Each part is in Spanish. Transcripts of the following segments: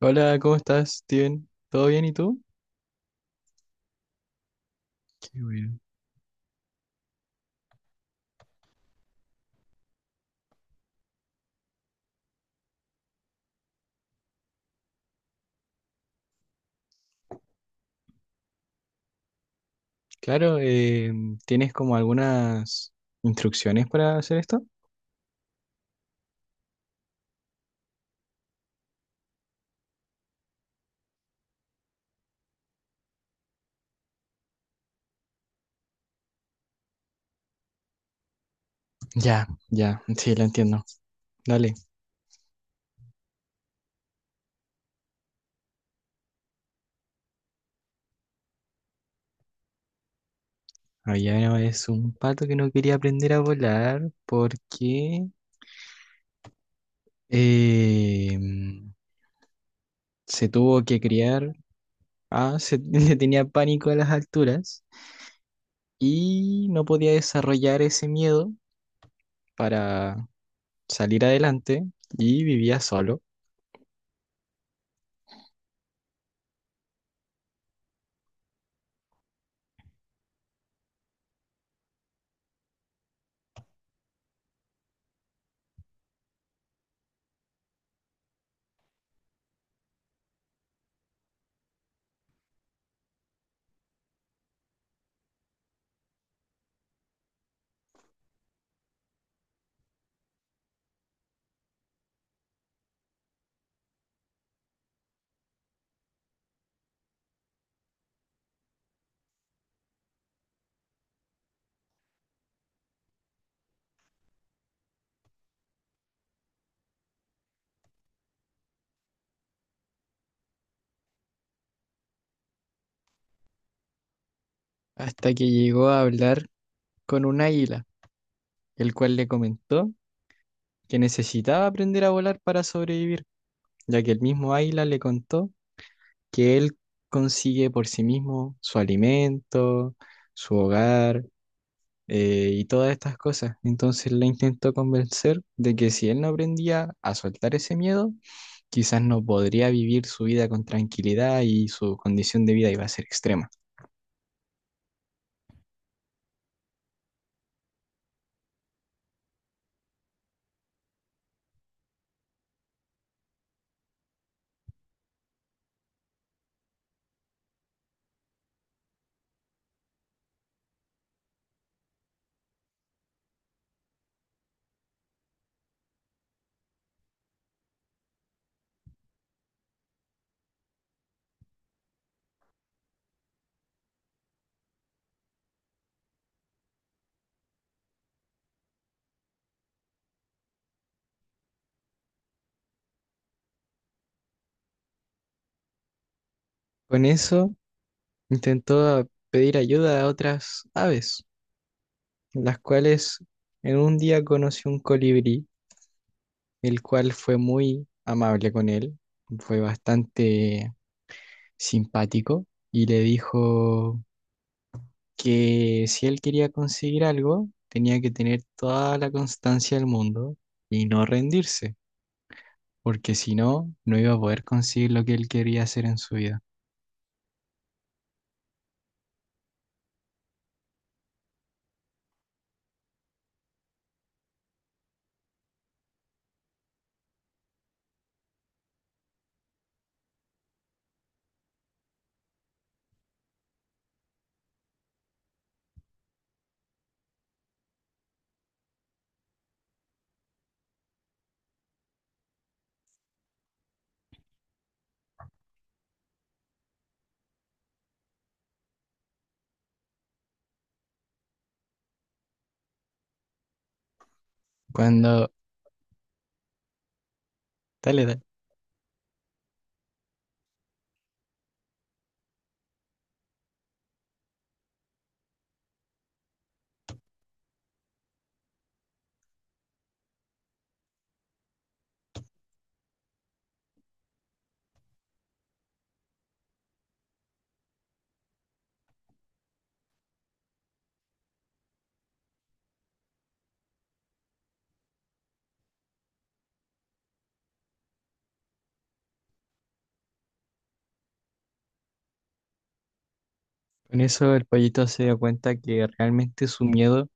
Hola, ¿cómo estás, Steven? ¿Todo bien y tú? Qué bueno. Claro, ¿tienes como algunas instrucciones para hacer esto? Ya, ya, sí, lo entiendo. Dale. Había una vez un pato que no quería aprender a volar porque eh, se tuvo que criar, ah, se, le tenía pánico a las alturas y no podía desarrollar ese miedo para salir adelante y vivía solo hasta que llegó a hablar con un águila. El cual le comentó que necesitaba aprender a volar para sobrevivir, ya que el mismo águila le contó que él consigue por sí mismo su alimento, su hogar y todas estas cosas. Entonces le intentó convencer de que si él no aprendía a soltar ese miedo, quizás no podría vivir su vida con tranquilidad y su condición de vida iba a ser extrema. Con eso intentó pedir ayuda a otras aves, las cuales en un día conoció un colibrí, el cual fue muy amable con él, fue bastante simpático y le dijo que si él quería conseguir algo, tenía que tener toda la constancia del mundo y no rendirse, porque si no, no iba a poder conseguir lo que él quería hacer en su vida. Cuando... Dale, dale. Con eso el pollito se dio cuenta que realmente su miedo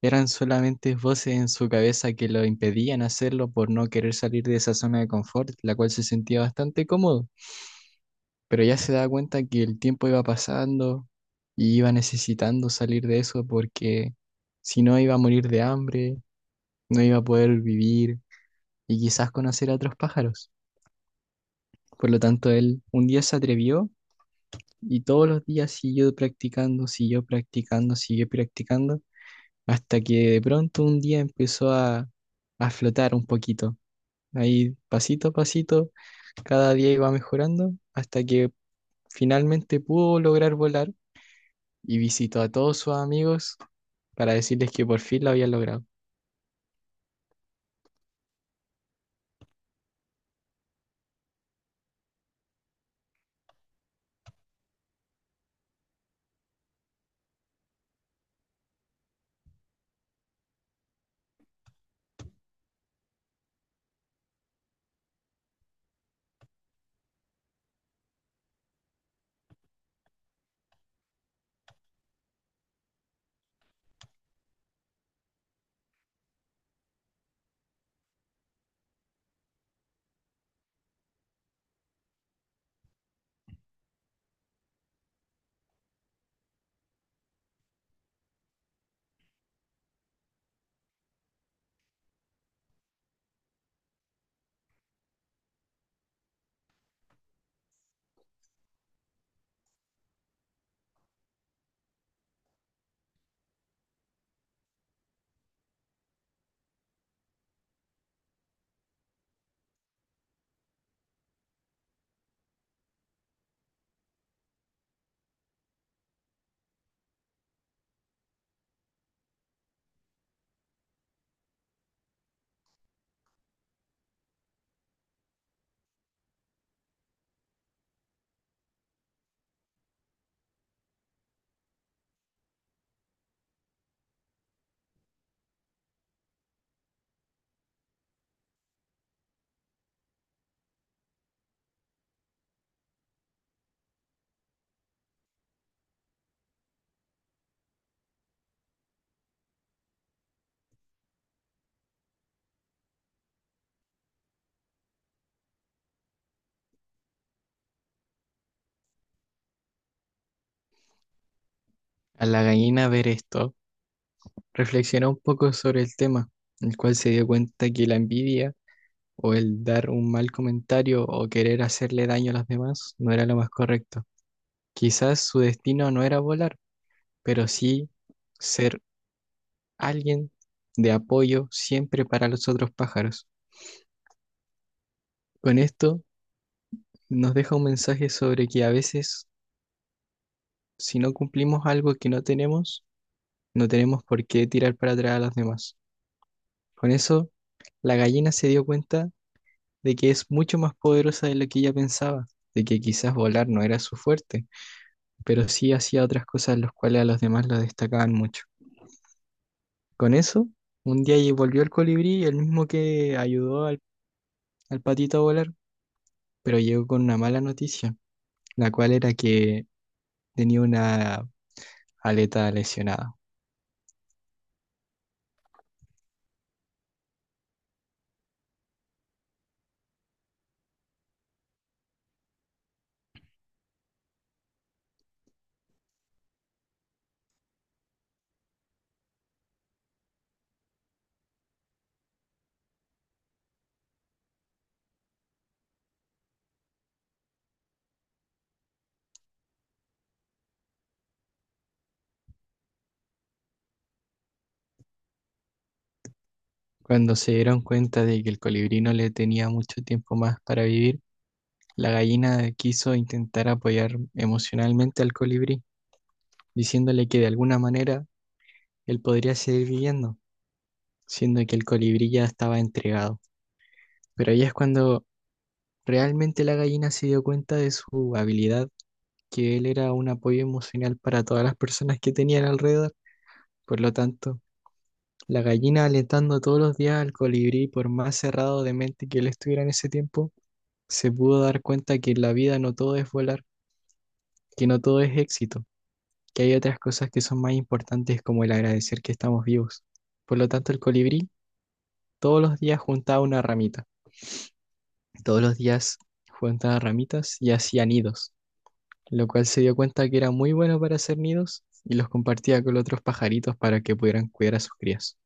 eran solamente voces en su cabeza que lo impedían hacerlo por no querer salir de esa zona de confort, la cual se sentía bastante cómodo, pero ya se daba cuenta que el tiempo iba pasando y iba necesitando salir de eso porque si no iba a morir de hambre, no iba a poder vivir y quizás conocer a otros pájaros. Por lo tanto, él un día se atrevió y todos los días siguió practicando, siguió practicando, siguió practicando, hasta que de pronto un día empezó a flotar un poquito. Ahí pasito a pasito, cada día iba mejorando hasta que finalmente pudo lograr volar y visitó a todos sus amigos para decirles que por fin lo había logrado. Al la gallina ver esto, reflexionó un poco sobre el tema, el cual se dio cuenta que la envidia o el dar un mal comentario o querer hacerle daño a los demás no era lo más correcto. Quizás su destino no era volar, pero sí ser alguien de apoyo siempre para los otros pájaros. Con esto nos deja un mensaje sobre que a veces, si no cumplimos algo que no tenemos, no tenemos por qué tirar para atrás a los demás. Con eso, la gallina se dio cuenta de que es mucho más poderosa de lo que ella pensaba, de que quizás volar no era su fuerte, pero sí hacía otras cosas las cuales a los demás lo destacaban mucho. Con eso, un día volvió el colibrí, el mismo que ayudó al patito a volar, pero llegó con una mala noticia, la cual era que tenía una aleta lesionada. Cuando se dieron cuenta de que el colibrí no le tenía mucho tiempo más para vivir, la gallina quiso intentar apoyar emocionalmente al colibrí, diciéndole que de alguna manera él podría seguir viviendo, siendo que el colibrí ya estaba entregado. Pero ahí es cuando realmente la gallina se dio cuenta de su habilidad, que él era un apoyo emocional para todas las personas que tenían alrededor. Por lo tanto, la gallina alentando todos los días al colibrí, por más cerrado de mente que él estuviera en ese tiempo, se pudo dar cuenta que en la vida no todo es volar, que no todo es éxito, que hay otras cosas que son más importantes como el agradecer que estamos vivos. Por lo tanto, el colibrí todos los días juntaba una ramita, todos los días juntaba ramitas y hacía nidos, lo cual se dio cuenta que era muy bueno para hacer nidos y los compartía con otros pajaritos para que pudieran cuidar a sus crías.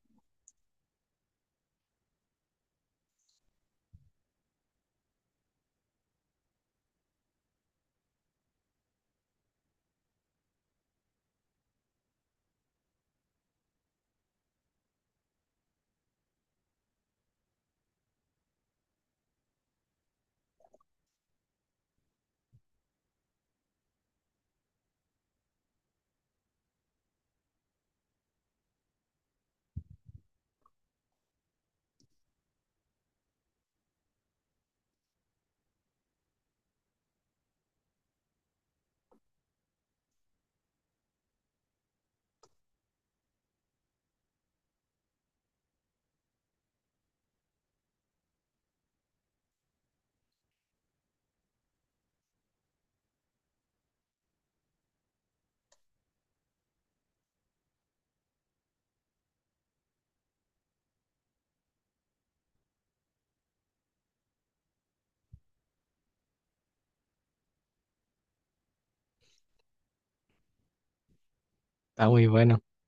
Está muy bueno. A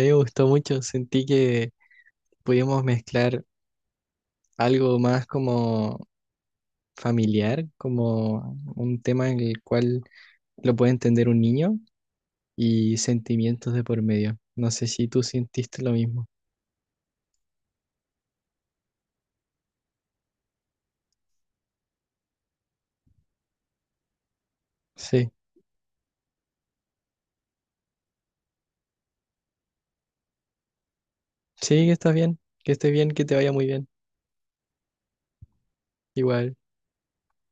mí me gustó mucho, sentí que pudimos mezclar algo más como familiar, como un tema en el cual lo puede entender un niño y sentimientos de por medio. No sé si tú sentiste lo mismo. Sí, sí, que estás bien, que estés bien, que te vaya muy bien. Igual.